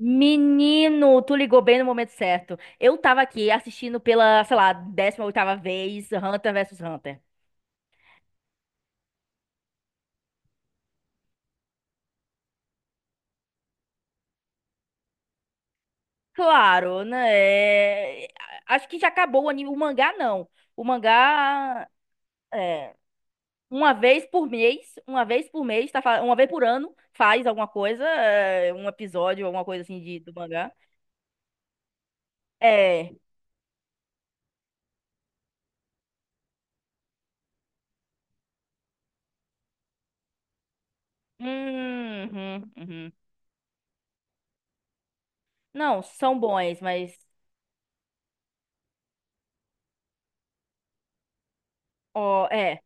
Menino, tu ligou bem no momento certo. Eu tava aqui assistindo pela, sei lá, décima oitava vez Hunter versus Hunter. Claro, né? é, Acho que já acabou o anime. O mangá, não. O mangá é uma vez por mês, tá, uma vez por ano, faz alguma coisa, um episódio, alguma coisa assim de, do mangá. É. Uhum, uhum, uhum. Não, são bons, mas. Ó, é.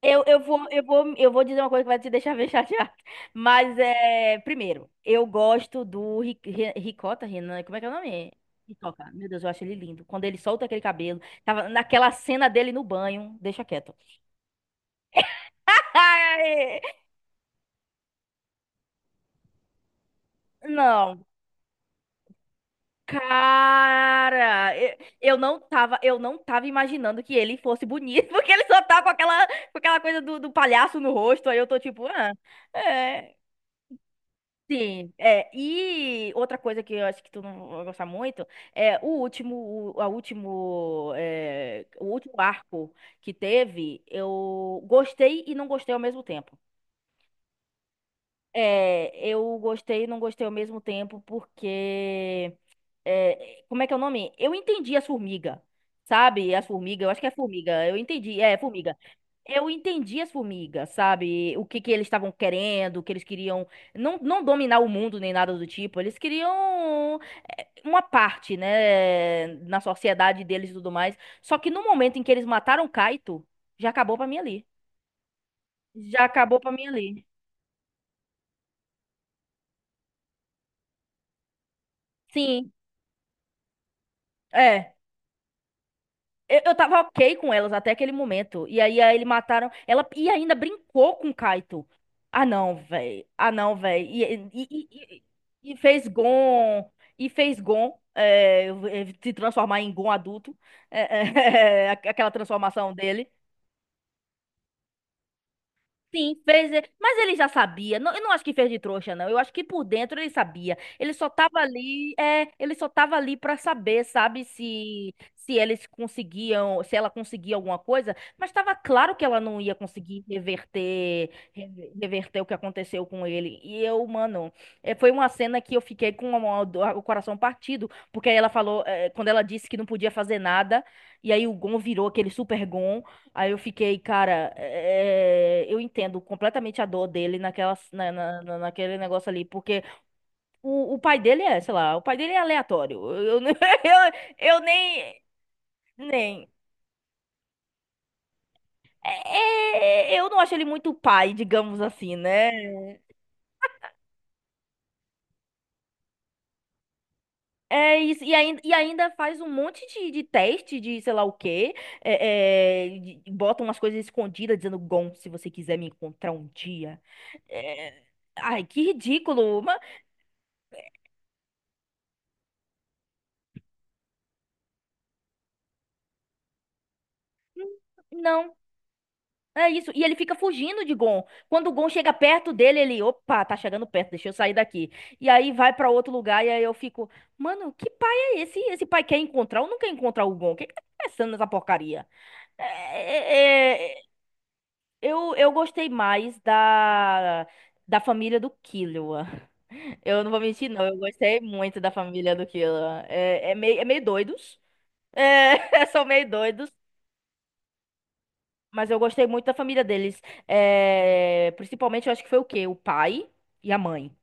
Eu vou dizer uma coisa que vai te deixar bem chateado. Mas é, primeiro, eu gosto do Ricota, Renan, como é que é o nome? Ricota. Meu Deus, eu acho ele lindo. Quando ele solta aquele cabelo, tava naquela cena dele no banho, deixa quieto. Ai, não. Cara, eu não tava imaginando que ele fosse bonito, porque ele só tá com aquela coisa do, do palhaço no rosto. Aí eu tô tipo, ah, é. Sim, é, e outra coisa que eu acho que tu não vai gostar muito é o último, o, a último, o último arco que teve, eu gostei e não gostei ao mesmo tempo. É, eu gostei e não gostei ao mesmo tempo porque, como é que é o nome? Eu entendi as formigas, sabe? As formigas, eu acho que é formiga, eu entendi, é, formiga. Eu entendi as formigas, sabe? O que que eles estavam querendo, o que eles queriam não dominar o mundo nem nada do tipo. Eles queriam uma parte, né, na sociedade deles e tudo mais. Só que no momento em que eles mataram Kaito, já acabou pra mim ali. Já acabou pra mim ali. Sim, é. Eu tava ok com elas até aquele momento. E aí, aí ele mataram. Ela e ainda brincou com o Kaito. Ah, não, velho. Ah, não, velho. E, e, e fez Gon. E fez Gon se transformar em Gon adulto. É, é, aquela transformação dele. Sim, fez. Mas ele já sabia. Não, eu não acho que fez de trouxa, não. Eu acho que por dentro ele sabia. Ele só tava ali, ele só tava ali para saber, sabe, se eles conseguiam, se ela conseguia alguma coisa, mas estava claro que ela não ia conseguir reverter reverter o que aconteceu com ele. E eu, mano, é, foi uma cena que eu fiquei com o coração partido, porque aí ela falou, é, quando ela disse que não podia fazer nada, e aí o Gon virou aquele super Gon. Aí eu fiquei, cara, eu entendo completamente a dor dele naquela, naquele negócio ali, porque o pai dele é, sei lá, o pai dele é aleatório. Eu, eu nem, nem, é- é- eu não acho ele muito pai, digamos assim, né? É isso, e ainda faz um monte de teste de sei lá o quê. É, é, bota umas coisas escondidas dizendo, Gon, se você quiser me encontrar um dia. É, ai, que ridículo. Mas, hum, não. É isso, e ele fica fugindo de Gon. Quando o Gon chega perto dele, ele, opa, tá chegando perto, deixa eu sair daqui. E aí vai pra outro lugar e aí eu fico, mano, que pai é esse? Esse pai quer encontrar ou não quer encontrar o Gon? O que que tá pensando nessa porcaria? É, é, é, eu gostei mais da família do Killua. Eu não vou mentir, não, eu gostei muito da família do Killua. É, é meio doidos. É, são meio doidos. Mas eu gostei muito da família deles. É, principalmente, eu acho que foi o quê? O pai e a mãe.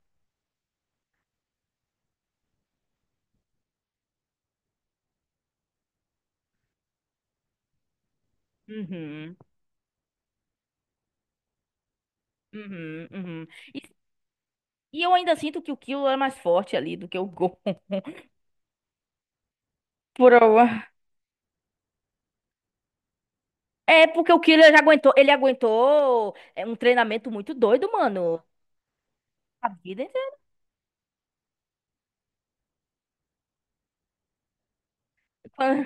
Uhum, uhum, uhum. E, e eu ainda sinto que o Killua é mais forte ali do que o Gon. Por alguma- É porque o Killua já aguentou, ele aguentou é, um treinamento muito doido, mano. A vida inteira. Quan-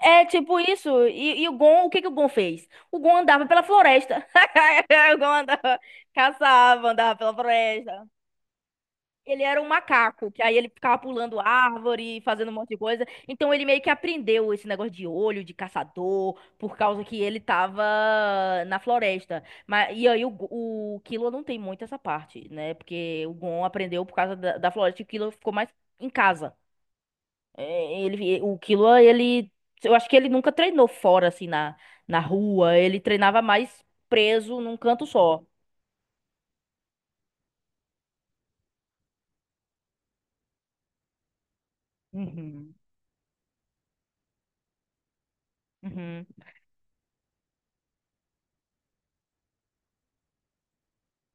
É tipo isso. E o Gon, o que que o Gon fez? O Gon andava pela floresta. O Gon andava, caçava, andava pela floresta. Ele era um macaco, que aí ele ficava pulando árvore, fazendo um monte de coisa. Então ele meio que aprendeu esse negócio de olho, de caçador, por causa que ele tava na floresta. Mas, e aí o Killua não tem muito essa parte, né? Porque o Gon aprendeu por causa da, da floresta e o Killua ficou mais em casa. É, ele, o Killua, ele. Eu acho que ele nunca treinou fora, assim, na rua. Ele treinava mais preso num canto só. Uhum. Uhum.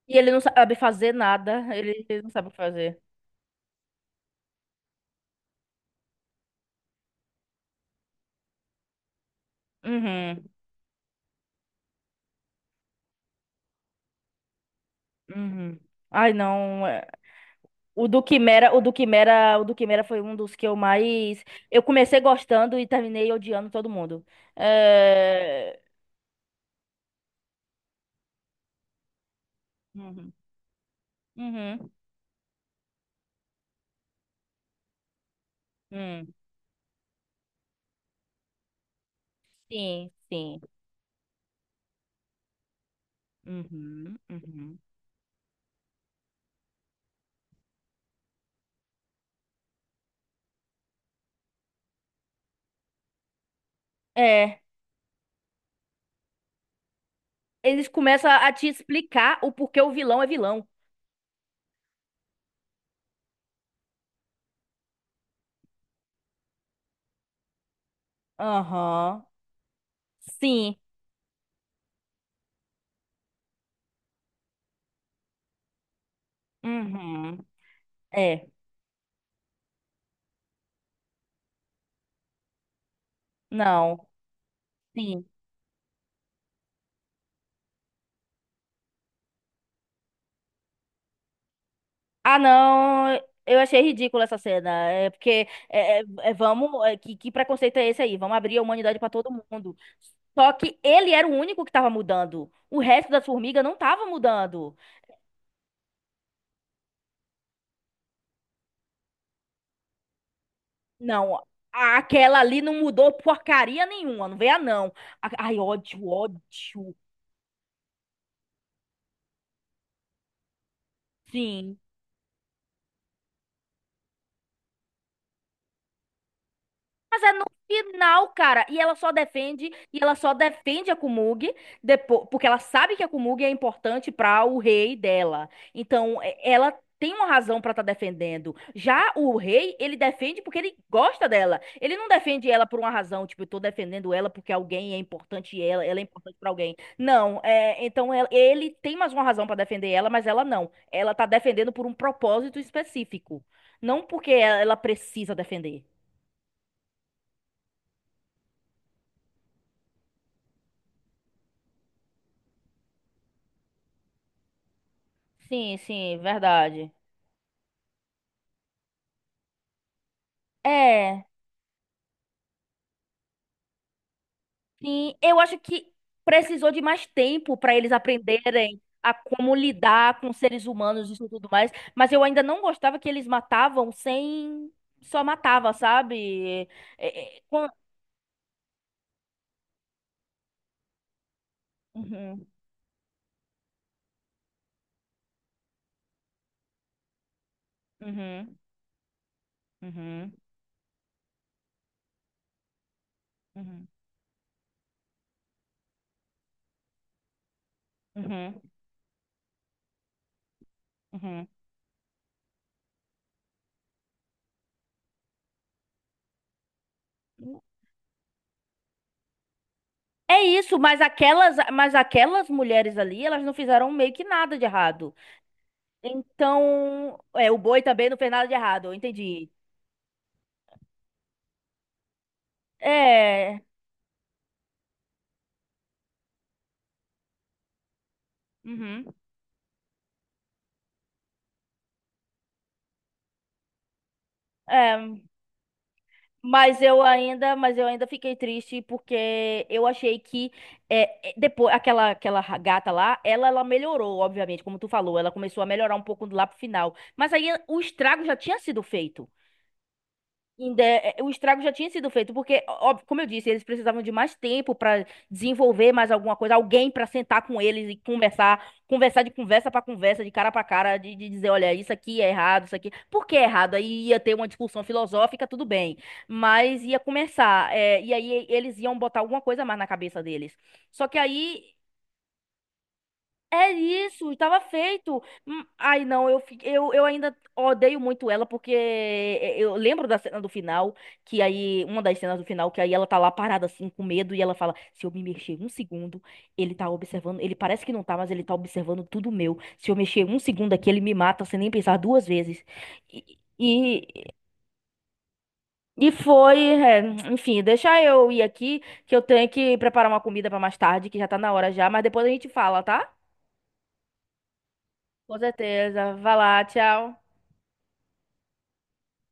E ele não sabe fazer nada. Ele não sabe o que fazer. Uhum. Uhum. Ai, não. É. O do Quimera, o do Quimera, o do Quimera foi um dos que eu mais. Eu comecei gostando e terminei odiando todo mundo. É. Uhum. Uhum. Hum. Sim, sim. Uhum. Uhum. É. Eles começam a te explicar o porquê o vilão é vilão. Aham. Sim. Uhum. É. Não. Ah, não, eu achei ridícula essa cena. É porque vamos, é, que preconceito é esse aí? Vamos abrir a humanidade pra todo mundo. Só que ele era o único que tava mudando. O resto das formigas não tava mudando. Não, aquela ali não mudou porcaria nenhuma, não veio a não. Ai, ódio, ódio. Sim. Mas é no final, cara. E ela só defende, e ela só defende a Kumug depois, porque ela sabe que a Kumug é importante para o rei dela. Então, ela tem uma razão para estar defendendo. Já o rei, ele defende porque ele gosta dela. Ele não defende ela por uma razão, tipo, eu tô defendendo ela porque alguém é importante e ela é importante para alguém. Não, é, então ele tem mais uma razão para defender ela, mas ela não. Ela tá defendendo por um propósito específico, não porque ela precisa defender. Sim, sim, verdade. É, sim, eu acho que precisou de mais tempo para eles aprenderem a como lidar com seres humanos e isso tudo mais, mas eu ainda não gostava que eles matavam sem só matava, sabe? É, é, quan- Uhum, uhum, uhum, uhum, uhum, uhum. É isso, mas mas aquelas mulheres ali, elas não fizeram meio que nada de errado. Então, é, o boi também não fez nada de errado, eu entendi. É, uhum, é, mas eu ainda fiquei triste porque eu achei que é, é, depois aquela gata lá, ela melhorou, obviamente, como tu falou, ela começou a melhorar um pouco lá pro final, mas aí o estrago já tinha sido feito. O estrago já tinha sido feito, porque, óbvio, como eu disse, eles precisavam de mais tempo para desenvolver mais alguma coisa, alguém para sentar com eles e conversar, conversar de conversa para conversa, de cara para cara, de dizer, olha, isso aqui é errado, isso aqui, por que é errado? Aí ia ter uma discussão filosófica, tudo bem, mas ia começar, é, e aí eles iam botar alguma coisa mais na cabeça deles. Só que aí é isso, estava feito. Ai, não, eu ainda odeio muito ela, porque é, é, eu lembro da cena do final, que aí, uma das cenas do final, que aí ela tá lá parada assim, com medo, e ela fala: se eu me mexer um segundo, ele tá observando, ele parece que não tá, mas ele tá observando tudo meu. Se eu mexer um segundo aqui, ele me mata sem nem pensar duas vezes. E, e, e foi, é, enfim, deixa eu ir aqui, que eu tenho que preparar uma comida pra mais tarde, que já tá na hora já, mas depois a gente fala, tá? Com certeza. Vai lá, tchau.